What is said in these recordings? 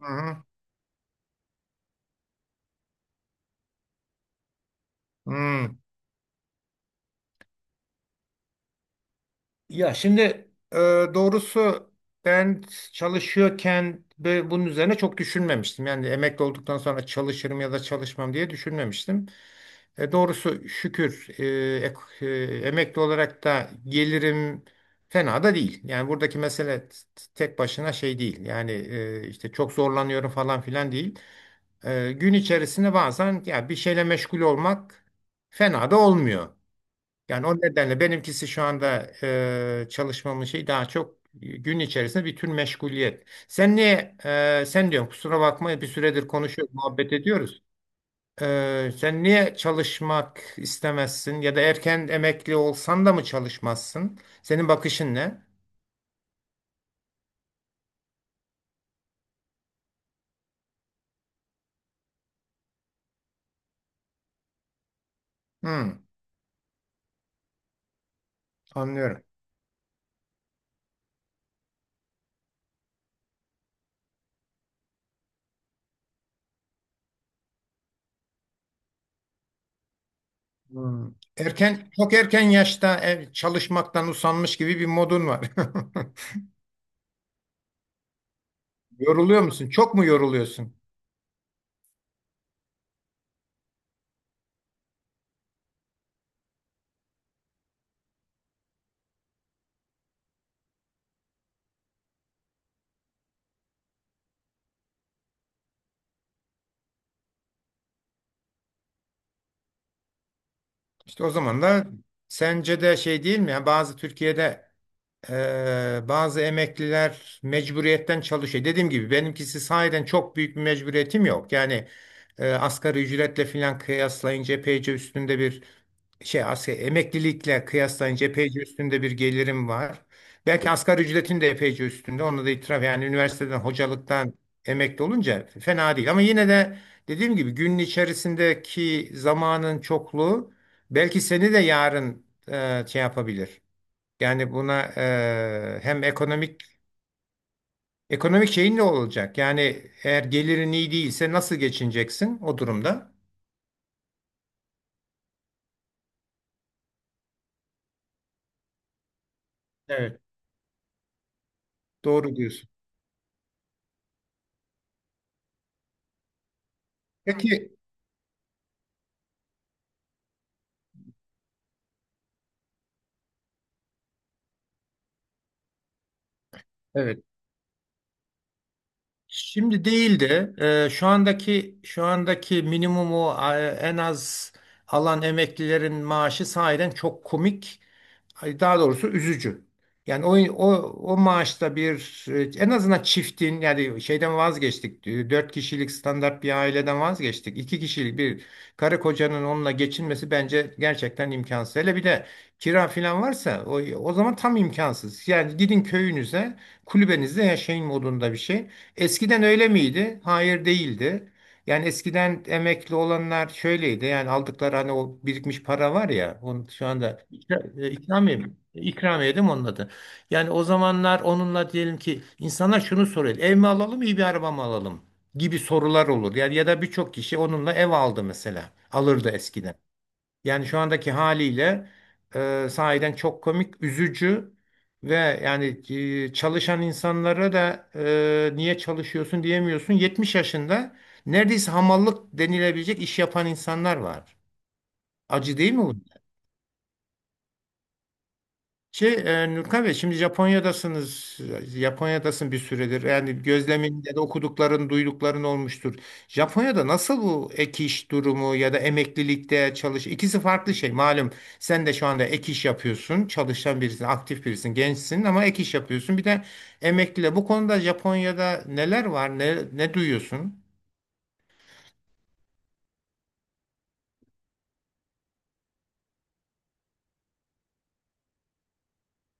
Hı hı. Hı. Ya şimdi, Ee, doğrusu ben çalışıyorken ve bunun üzerine çok düşünmemiştim. Yani emekli olduktan sonra çalışırım ya da çalışmam diye düşünmemiştim. Doğrusu şükür, ek- emekli olarak da gelirim fena da değil. Yani buradaki mesele tek başına şey değil. Yani işte çok zorlanıyorum falan filan değil. Gün içerisinde bazen ya bir şeyle meşgul olmak fena da olmuyor. Yani o nedenle benimkisi şu anda çalışmamın şeyi daha çok gün içerisinde bir tür meşguliyet. Sen diyorsun, kusura bakma bir süredir konuşuyoruz, muhabbet ediyoruz. Sen niye çalışmak istemezsin ya da erken emekli olsan da mı çalışmazsın? Senin bakışın ne? Hmm, anlıyorum. Hmm. Erken, çok erken yaşta çalışmaktan usanmış gibi bir modun var. Yoruluyor musun? Çok mu yoruluyorsun? İşte o zaman da sence de şey değil mi? Yani bazı Türkiye'de, bazı emekliler mecburiyetten çalışıyor. Dediğim gibi benimkisi sahiden çok büyük bir mecburiyetim yok. Yani asgari ücretle filan kıyaslayınca epeyce üstünde bir şey, asgari emeklilikle kıyaslayınca epeyce üstünde bir gelirim var. Belki asgari ücretin de epeyce üstünde. Onu da itiraf, yani üniversiteden hocalıktan emekli olunca fena değil. Ama yine de dediğim gibi günün içerisindeki zamanın çokluğu belki seni de yarın şey yapabilir. Yani buna, hem ekonomik şeyin ne olacak? Yani eğer gelirin iyi değilse nasıl geçineceksin o durumda? Evet. Doğru diyorsun. Peki. Evet. Şimdi değil de, şu andaki minimumu, en az alan emeklilerin maaşı sahiden çok komik, ay, daha doğrusu üzücü. Yani o, o, o maaşta bir, en azından çiftin, yani şeyden vazgeçtik. Dört kişilik standart bir aileden vazgeçtik. İki kişilik bir karı kocanın onunla geçinmesi bence gerçekten imkansız. Hele bir de kira falan varsa o zaman tam imkansız. Yani gidin köyünüze, kulübenizde yaşayın modunda bir şey. Eskiden öyle miydi? Hayır, değildi. Yani eskiden emekli olanlar şöyleydi. Yani aldıkları, hani o birikmiş para var ya. Onu şu anda ikramiye mi? İkramiye değil mi onun adı? Yani o zamanlar onunla diyelim ki insanlar şunu soruyor. Ev mi alalım, iyi bir araba mı alalım? Gibi sorular olur. Yani ya da birçok kişi onunla ev aldı mesela. Alırdı eskiden. Yani şu andaki haliyle sahiden çok komik, üzücü ve yani çalışan insanlara da niye çalışıyorsun diyemiyorsun. 70 yaşında neredeyse hamallık denilebilecek iş yapan insanlar var. Acı değil mi bu? Şey, Nurkan Bey, şimdi Japonya'dasınız. Japonya'dasın bir süredir. Yani gözlemin ya da okudukların, duydukların olmuştur. Japonya'da nasıl bu ek iş durumu ya da emeklilikte çalış? İkisi farklı şey. Malum sen de şu anda ek iş yapıyorsun. Çalışan birisin, aktif birisin, gençsin ama ek iş yapıyorsun. Bir de emekliyle. Bu konuda Japonya'da neler var? Ne duyuyorsun?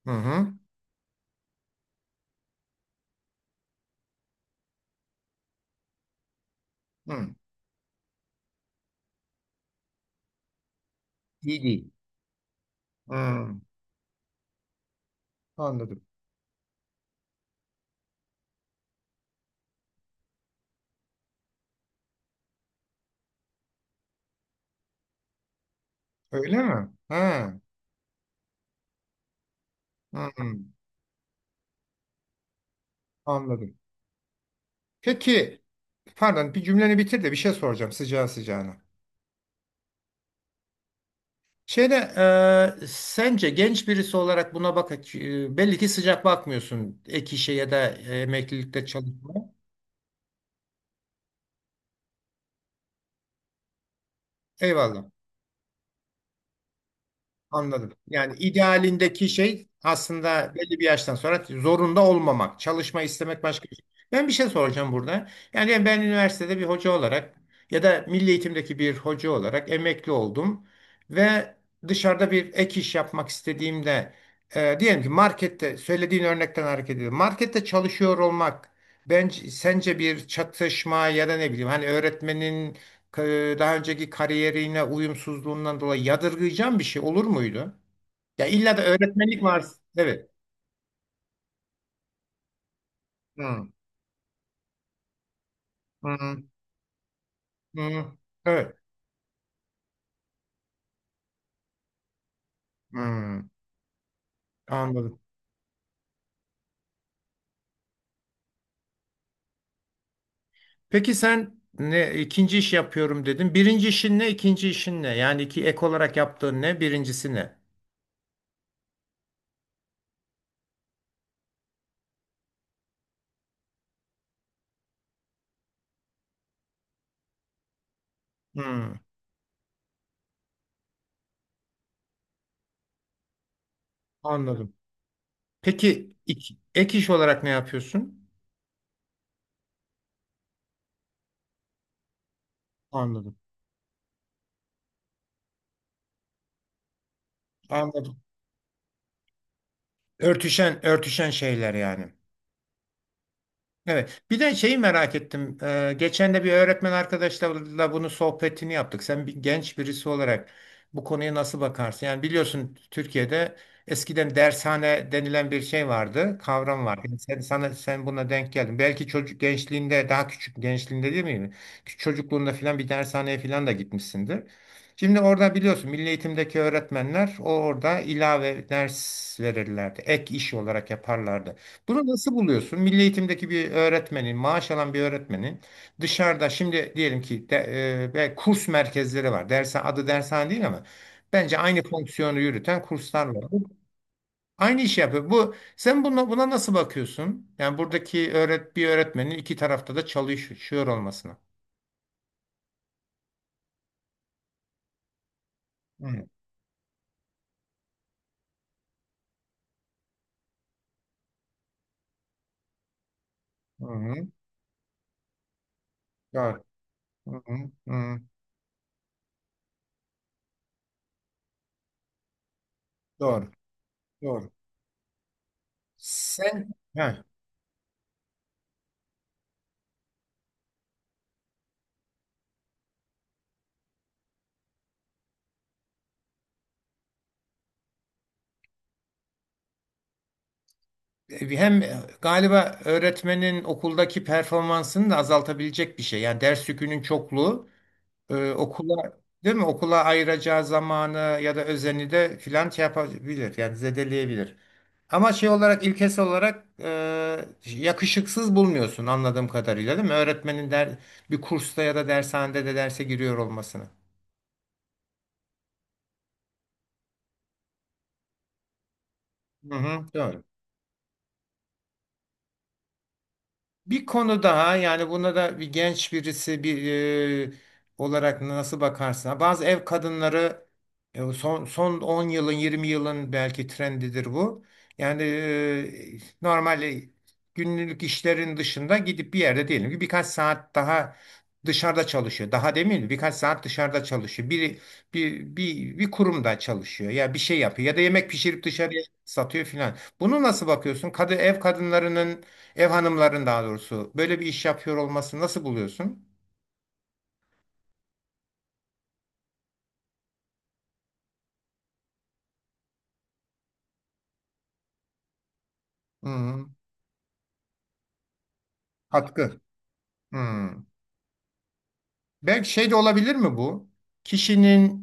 Hı hı. Hı. İyi değil. Hı. Anladım. Öyle mi? Ha. Hı hı. Anladım. Peki. Pardon, bir cümleni bitir de bir şey soracağım sıcağı sıcağına. Şeyde Sence genç birisi olarak buna bak, belli ki sıcak bakmıyorsun ek işe ya da emeklilikte çalışma. Eyvallah. Anladım. Yani idealindeki şey aslında belli bir yaştan sonra zorunda olmamak, çalışma istemek başka bir şey. Ben bir şey soracağım burada. Yani ben üniversitede bir hoca olarak ya da milli eğitimdeki bir hoca olarak emekli oldum ve dışarıda bir ek iş yapmak istediğimde diyelim ki markette söylediğin örnekten hareket ediyorum. Markette çalışıyor olmak bence, sence bir çatışma ya da ne bileyim hani öğretmenin daha önceki kariyerine uyumsuzluğundan dolayı yadırgayacağın bir şey olur muydu? Ya illa da öğretmenlik var. Evet. Hı, hı, hı. Evet. Hı, anladım. Peki, sen ne, ikinci iş yapıyorum dedin. Birinci işin ne, ikinci işin ne? Yani iki ek olarak yaptığın ne, birincisi ne? Hı, anladım. Peki, ek iş olarak ne yapıyorsun? Anladım. Anladım. Örtüşen, örtüşen şeyler yani. Evet. Bir de şeyi merak ettim. Geçen de bir öğretmen arkadaşlarla bunu sohbetini yaptık. Sen bir genç birisi olarak bu konuya nasıl bakarsın? Yani biliyorsun Türkiye'de eskiden dershane denilen bir şey vardı, kavram vardı. Yani sen buna denk geldin. Belki çocuk gençliğinde, daha küçük gençliğinde değil mi? Küçük çocukluğunda filan bir dershaneye filan da gitmişsindir. Şimdi orada biliyorsun milli eğitimdeki öğretmenler o orada ilave ders verirlerdi. Ek iş olarak yaparlardı. Bunu nasıl buluyorsun? Milli eğitimdeki bir öğretmenin, maaş alan bir öğretmenin dışarıda, şimdi diyelim ki de, ve kurs merkezleri var. Dersen adı dershane değil ama bence aynı fonksiyonu yürüten kurslar var. Bu aynı işi yapıyor. Bu sen buna nasıl bakıyorsun? Yani buradaki bir öğretmenin iki tarafta da çalışıyor olmasına. Hı, hı, doğru. Hı, hı, hı. Doğru. Doğru. Sen Heh. Hem galiba öğretmenin okuldaki performansını da azaltabilecek bir şey. Yani ders yükünün çokluğu okula değil mi? Okula ayıracağı zamanı ya da özeni de filan şey yapabilir. Yani zedeleyebilir. Ama şey olarak, ilkesi olarak, yakışıksız bulmuyorsun anladığım kadarıyla değil mi? Öğretmenin bir kursta ya da dershanede de derse giriyor olmasını. Hı hı, doğru. Bir konu daha, yani buna da bir genç birisi e, olarak nasıl bakarsın? Bazı ev kadınları, son 10 yılın, 20 yılın belki trendidir bu. Yani normal, günlük işlerin dışında gidip bir yerde diyelim ki birkaç saat daha dışarıda çalışıyor. Daha demin birkaç saat dışarıda çalışıyor. Bir kurumda çalışıyor ya bir şey yapıyor ya da yemek pişirip dışarıya satıyor filan. Bunu nasıl bakıyorsun? Ev kadınlarının, ev hanımların daha doğrusu böyle bir iş yapıyor olması nasıl buluyorsun? Hmm, katkı. Hmm. Belki şey de olabilir mi bu? Kişinin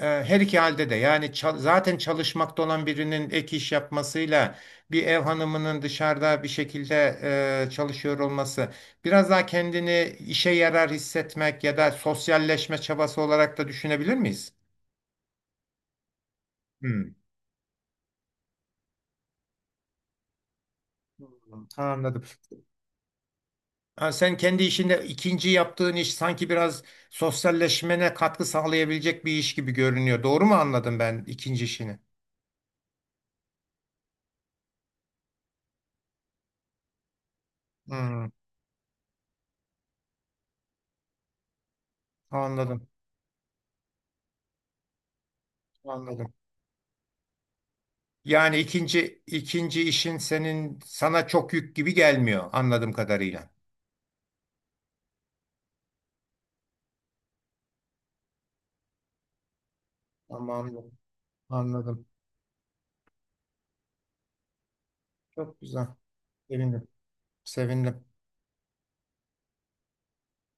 her iki halde de yani zaten çalışmakta olan birinin ek iş yapmasıyla bir ev hanımının dışarıda bir şekilde çalışıyor olması biraz daha kendini işe yarar hissetmek ya da sosyalleşme çabası olarak da düşünebilir miyiz? Hmm. Anladım. Ha, sen kendi işinde ikinci yaptığın iş sanki biraz sosyalleşmene katkı sağlayabilecek bir iş gibi görünüyor. Doğru mu anladım ben ikinci işini? Hmm, anladım, anladım. Yani ikinci işin sana çok yük gibi gelmiyor anladığım kadarıyla. Tamam, anladım. Çok güzel. Sevindim, sevindim.